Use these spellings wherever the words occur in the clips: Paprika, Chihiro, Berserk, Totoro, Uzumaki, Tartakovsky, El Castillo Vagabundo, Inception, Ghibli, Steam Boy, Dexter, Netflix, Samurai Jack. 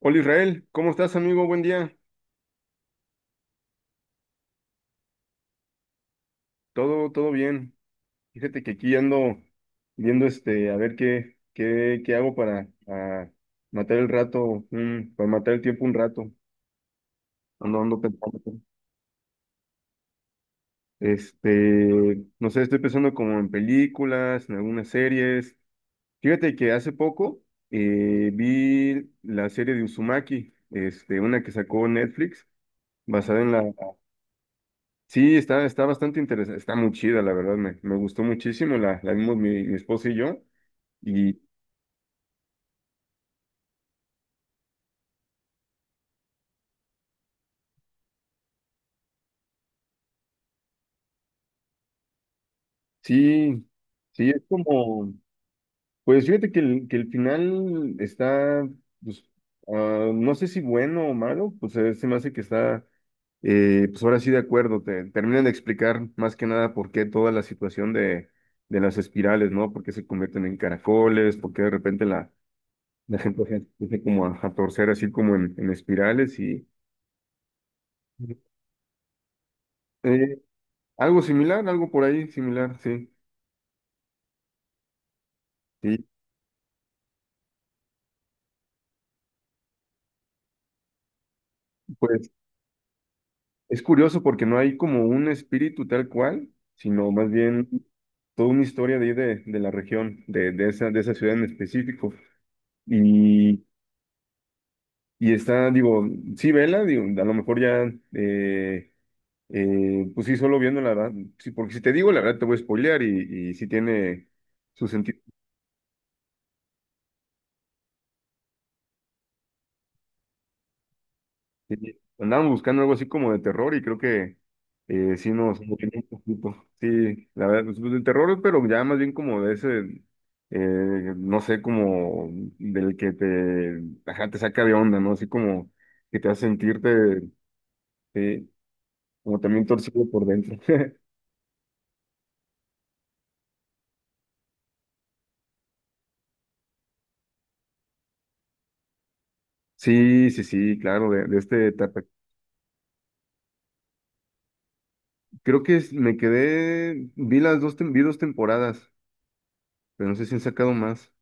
Hola Israel, ¿cómo estás amigo? Buen día. Todo bien. Fíjate que aquí ando viendo a ver qué hago para matar el rato, para matar el tiempo un rato. Ando pensando. No sé, estoy pensando como en películas, en algunas series. Fíjate que hace poco vi la serie de Uzumaki, este, una que sacó Netflix, basada en la, Sí, está, está bastante interesante, está muy chida, la verdad, me gustó muchísimo, la vimos mi, mi esposa y yo, y sí, sí, es como, pues fíjate que que el final está, pues, no sé si bueno o malo, pues se me hace que está, pues ahora sí de acuerdo, te terminan de explicar más que nada por qué toda la situación de las espirales, ¿no? Por qué se convierten en caracoles, por qué de repente la, la gente se empieza como a torcer así como en espirales y... Ujú. Algo similar, algo por ahí similar, sí. Sí, pues es curioso porque no hay como un espíritu tal cual, sino más bien toda una historia de, ahí de la región, de esa ciudad en específico. Y, y está, digo, sí, vela, digo, a lo mejor ya, pues sí, solo viendo la verdad, sí, porque si te digo la verdad te voy a spoilear y sí tiene su sentido. Sí, andábamos buscando algo así como de terror y creo que sí nos motivó un poquito. Sí, la verdad, pues, de terror, pero ya más bien como de ese, eh, no sé, como del que te, ajá, te saca de onda, ¿no? Así como que te hace sentirte, sí, como también torcido por dentro. Sí, sí, sí, claro, de este etapa. Creo que me quedé, vi las dos, vi dos temporadas, pero no sé si han sacado más.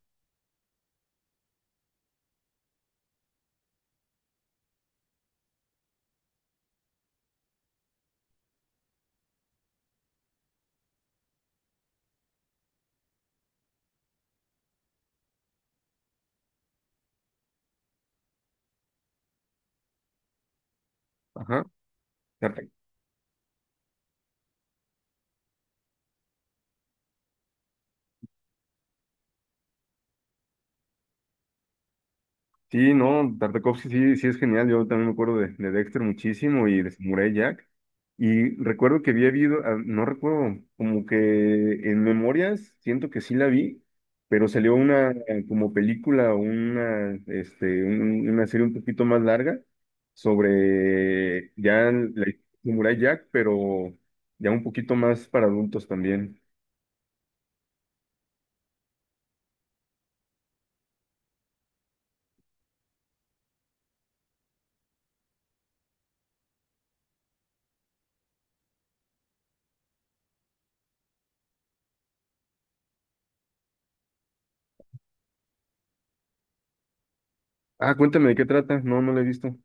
Ajá. Sí, no, Tartakovsky sí, sí es genial. Yo también me acuerdo de Dexter muchísimo y de Samurai Jack. Y recuerdo que había habido, no recuerdo, como que en memorias siento que sí la vi, pero salió una como película, o una, este, una serie un poquito más larga sobre ya la Samurai Jack, pero ya un poquito más para adultos también. Ah, cuéntame de qué trata. No, no la he visto.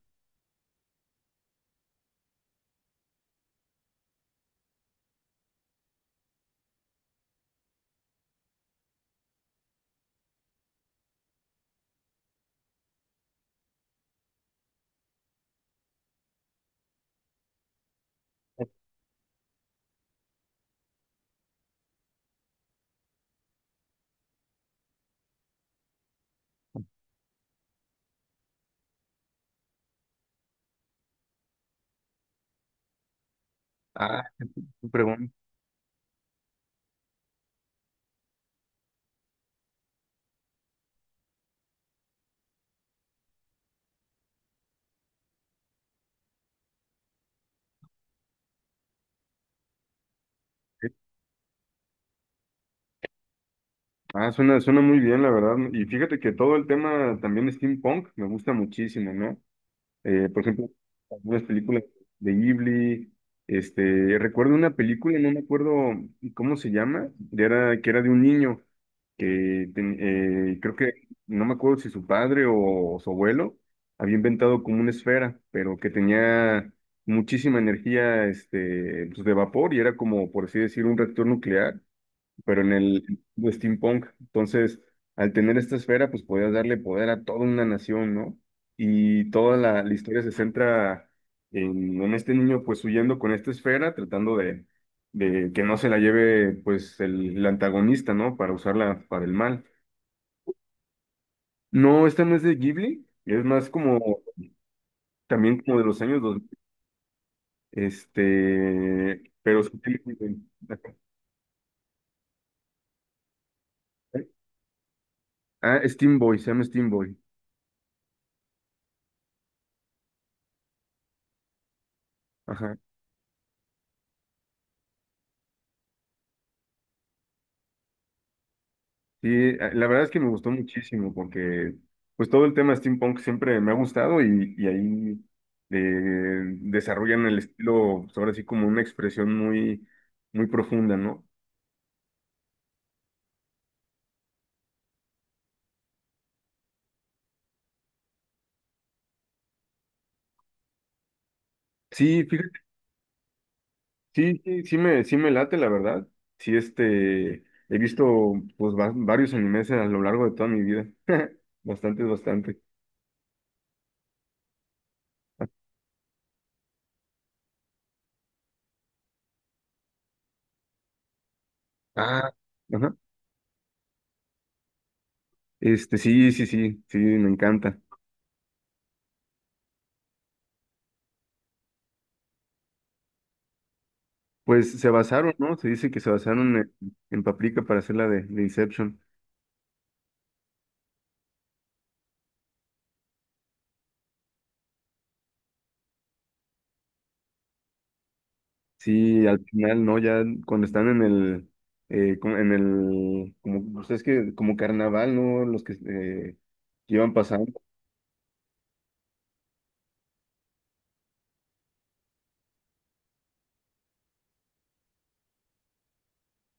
Ah, qué pregunta. Ah, suena, suena muy bien, la verdad. Y fíjate que todo el tema también de steampunk me gusta muchísimo, ¿no? Por ejemplo, algunas películas de Ghibli. Este, recuerdo una película, no me acuerdo cómo se llama, de era, que era de un niño que creo que, no me acuerdo si su padre o su abuelo había inventado como una esfera, pero que tenía muchísima energía, este, pues, de vapor y era como, por así decir, un reactor nuclear pero en el mundo steampunk. Entonces, al tener esta esfera, pues podías darle poder a toda una nación, ¿no? Y toda la, la historia se centra en este niño, pues huyendo con esta esfera, tratando de que no se la lleve, pues, el antagonista, ¿no? Para usarla para el mal. No, esta no es de Ghibli, es más como, también como de los años 2000, este, pero... Ah, Steam Boy, se llama Steam Boy. Ajá. Sí, la verdad es que me gustó muchísimo porque pues todo el tema steampunk siempre me ha gustado y ahí desarrollan el estilo, pues, ahora sí como una expresión muy, muy profunda, ¿no? Sí, fíjate, sí, sí, sí me late, la verdad. Sí, este, he visto pues varios animes a lo largo de toda mi vida. Bastante, bastante. Ah, ajá. Este, sí, sí, sí, sí, me encanta. Pues se basaron, ¿no? Se dice que se basaron en Paprika para hacer la de Inception. Sí, al final, ¿no? Ya cuando están en el, en el, como, pues es que como carnaval, ¿no? Los que llevan pasando.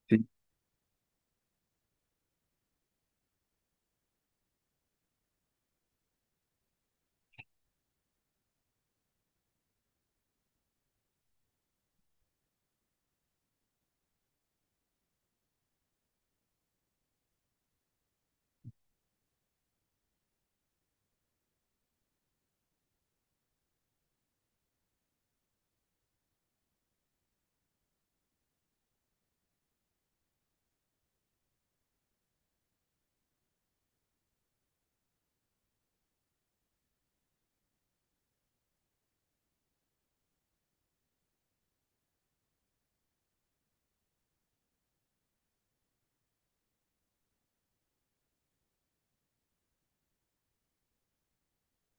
Sí.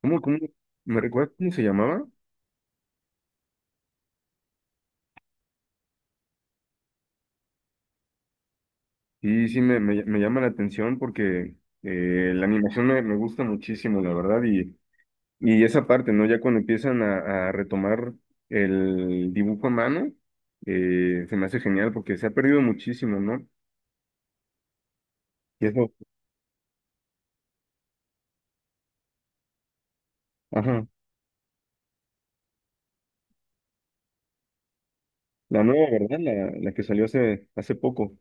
¿Cómo, cómo? ¿Me recuerdas cómo se llamaba? Sí, sí, me llama la atención porque la animación me gusta muchísimo, la verdad, y esa parte, ¿no? Ya cuando empiezan a retomar el dibujo a mano, se me hace genial porque se ha perdido muchísimo, ¿no? Y es ajá, la nueva, ¿verdad? La que salió hace, hace poco.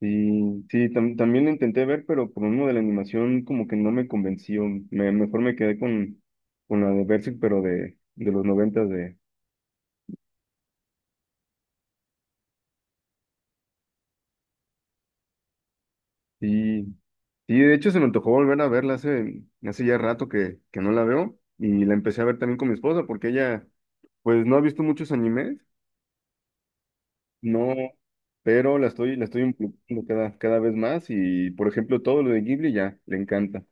Y sí, también la intenté ver, pero por uno de la animación como que no me convenció. Mejor me quedé con la de Berserk, pero de los noventas de sí, sí, de hecho se me antojó volver a verla hace, hace ya rato que no la veo y la empecé a ver también con mi esposa porque ella pues no ha visto muchos animes, no, pero la estoy involucrando cada, cada vez más y por ejemplo todo lo de Ghibli ya le encanta.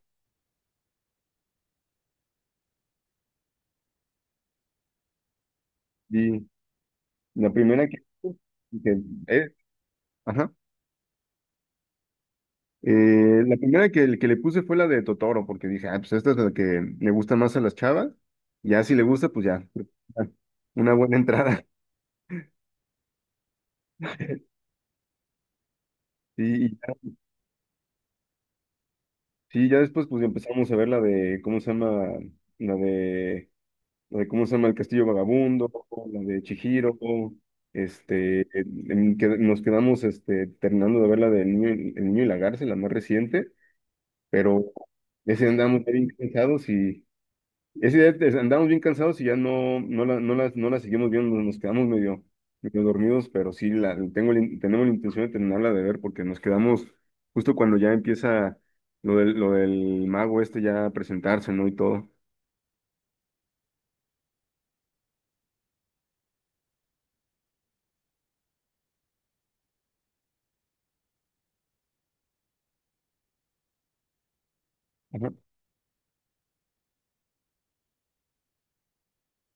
Y la primera que, que- eh, ajá, la primera que le puse fue la de Totoro porque dije, ah, pues esta es la que le gusta más a las chavas, ya si le gusta pues ya, una buena entrada. Sí, sí, ya después pues empezamos a ver la de, ¿cómo se llama? La de, la de ¿cómo se llama? El Castillo Vagabundo, la de Chihiro, este, en que nos quedamos este, terminando de ver la de El Niño, El Niño y la Garza, la más reciente, pero ese andamos bien cansados y, es idea, andamos bien cansados y ya no, no las no la seguimos viendo, nos quedamos medio, medio dormidos, pero sí la, tengo, la in- tenemos la intención de terminarla de ver porque nos quedamos justo cuando ya empieza lo del mago este ya a presentarse, ¿no? Y todo. Ajá.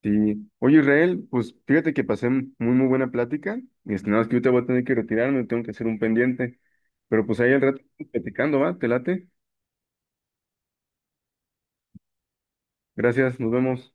Sí. Oye, Israel, pues fíjate que pasé muy, muy buena plática. Este, nada más que yo te voy a tener que retirarme, tengo que hacer un pendiente. Pero pues ahí al rato platicando, ¿va? ¿Te late? Gracias, nos vemos.